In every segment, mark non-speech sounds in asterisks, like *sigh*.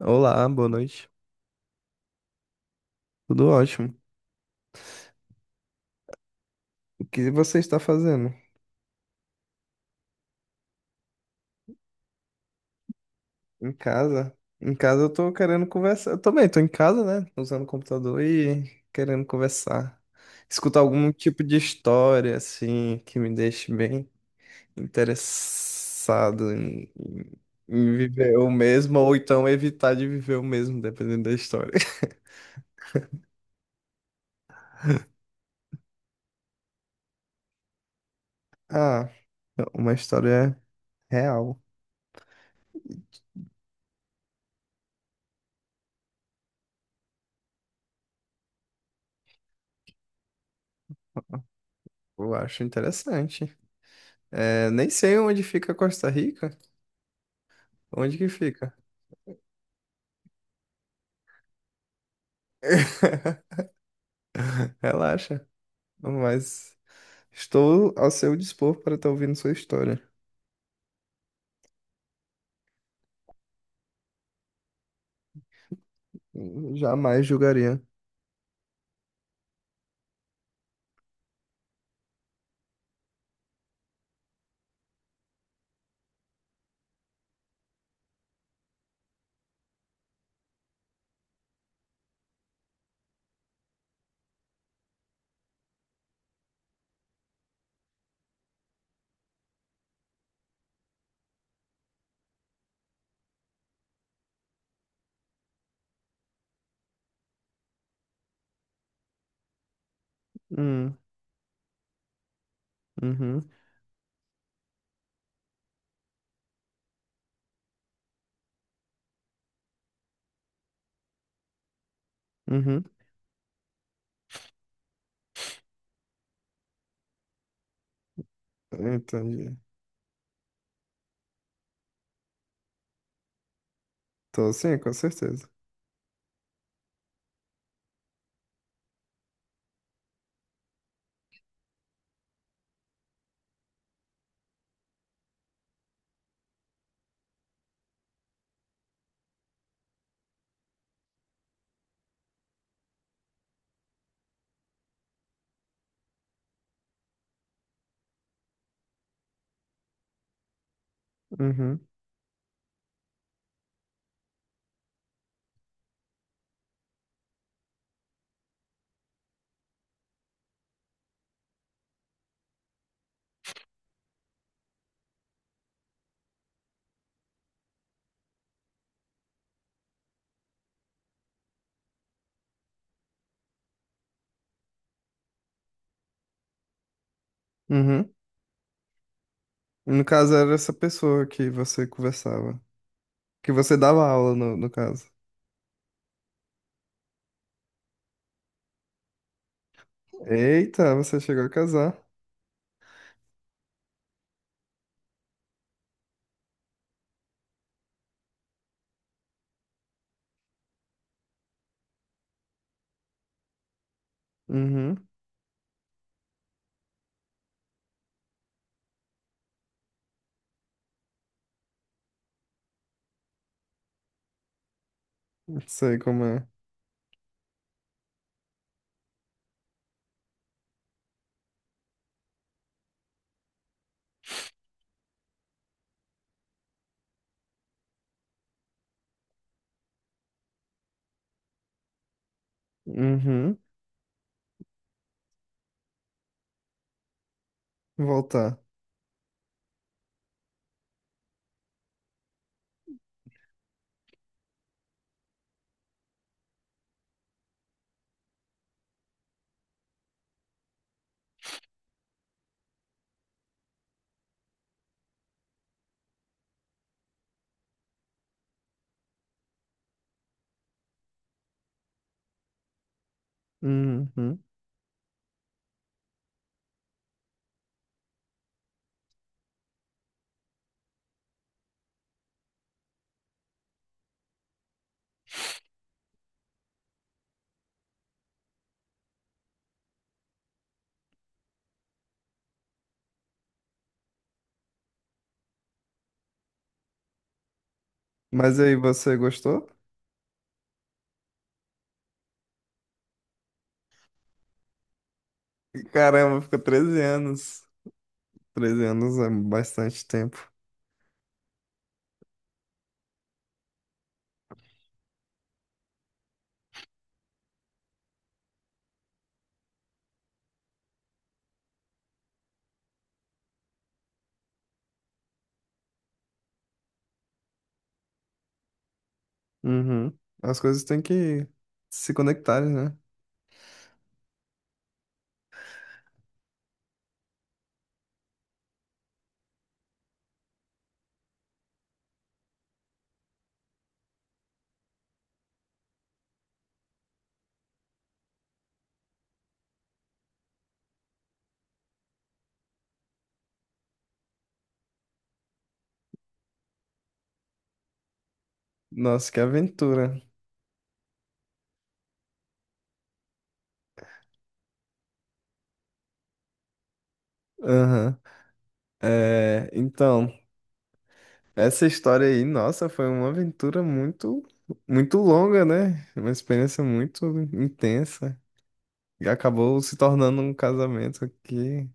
Olá, boa noite. Tudo ótimo. O que você está fazendo? Em casa? Em casa eu tô querendo conversar. Eu também tô em casa, né? Usando o computador e querendo conversar. Escutar algum tipo de história, assim, que me deixe bem interessado em viver o mesmo, ou então evitar de viver o mesmo, dependendo da história. *laughs* Ah, uma história real. Eu acho interessante. É, nem sei onde fica Costa Rica. Onde que fica? *laughs* Relaxa, mas estou ao seu dispor para estar ouvindo sua história. Jamais julgaria. Hum, uhum, uhum. Entendi. Tô sim, com certeza. Uhum, uhum. No caso, era essa pessoa que você conversava, que você dava aula, no caso. Eita, você chegou a casar. Uhum, sei como é. Uhum, voltar. Uhum. Mas aí, você gostou? Caramba, ficou 13 anos. 13 anos é bastante tempo. Uhum. As coisas têm que se conectarem, né? Nossa, que aventura. Aham. É, então, essa história aí, nossa, foi uma aventura muito, muito longa, né? Uma experiência muito intensa. E acabou se tornando um casamento que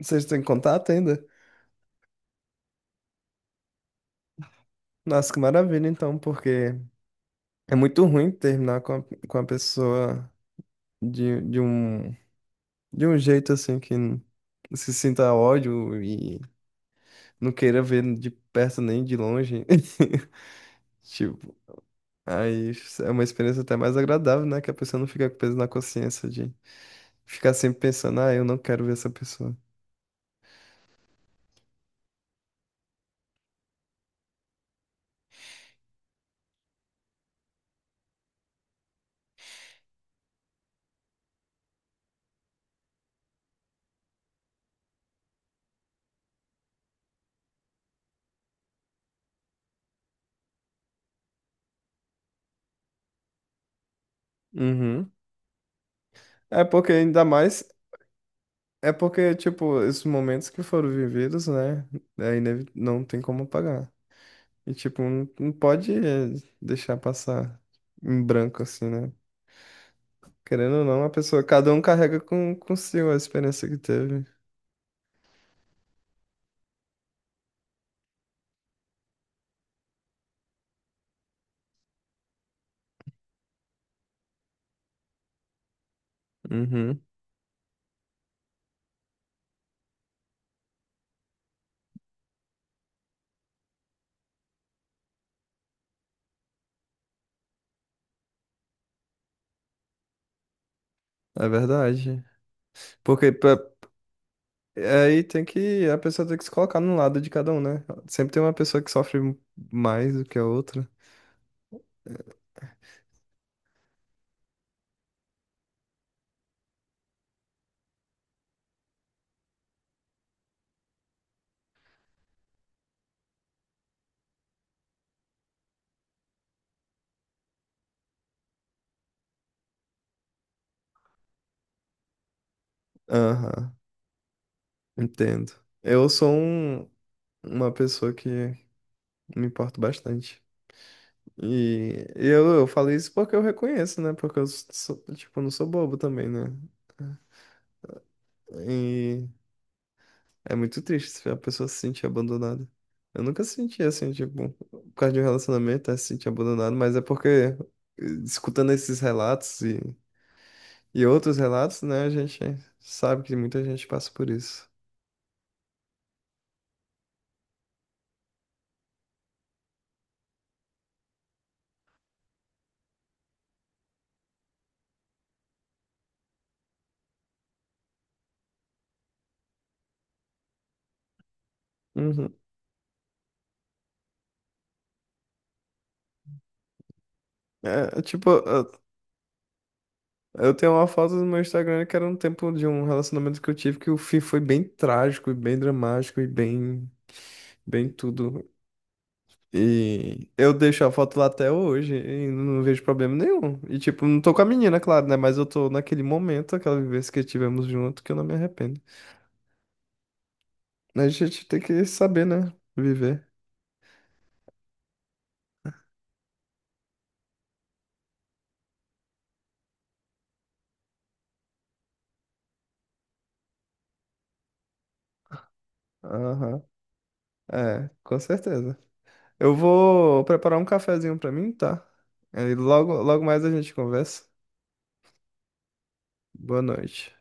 vocês têm contato ainda? Nossa, que maravilha, então, porque é muito ruim terminar com a pessoa de, de um de um jeito assim que se sinta ódio e não queira ver de perto nem de longe. *laughs* Tipo, aí é uma experiência até mais agradável, né? Que a pessoa não fica com peso na consciência de ficar sempre pensando, ah, eu não quero ver essa pessoa. Uhum. É porque ainda mais, é porque, tipo, esses momentos que foram vividos, né? É não tem como apagar. E, tipo, não, não pode deixar passar em branco, assim, né? Querendo ou não, a pessoa, cada um carrega consigo a experiência que teve. Uhum, é verdade. Porque pra- Aí tem que, a pessoa tem que se colocar no lado de cada um, né? Sempre tem uma pessoa que sofre mais do que a outra. Aham, entendo. Eu sou uma pessoa que me importo bastante. E eu falei isso porque eu reconheço, né? Porque eu, sou, tipo, não sou bobo também, né? E É muito triste se a pessoa se sentir abandonada. Eu nunca senti assim, tipo, por causa de um relacionamento, é se sentir abandonado, mas é porque, escutando esses relatos e outros relatos, né, a gente sabe que muita gente passa por isso. Uhum. É tipo, eu tenho uma foto no meu Instagram que era um tempo de um relacionamento que eu tive que o fim foi bem trágico e bem dramático e bem, bem tudo. E eu deixo a foto lá até hoje e não vejo problema nenhum. E tipo, não tô com a menina, claro, né? Mas eu tô naquele momento, aquela vivência que tivemos junto, que eu não me arrependo. A gente tem que saber, né? Viver. Aham. É, com certeza. Eu vou preparar um cafezinho pra mim, tá? Aí logo, logo mais a gente conversa. Boa noite.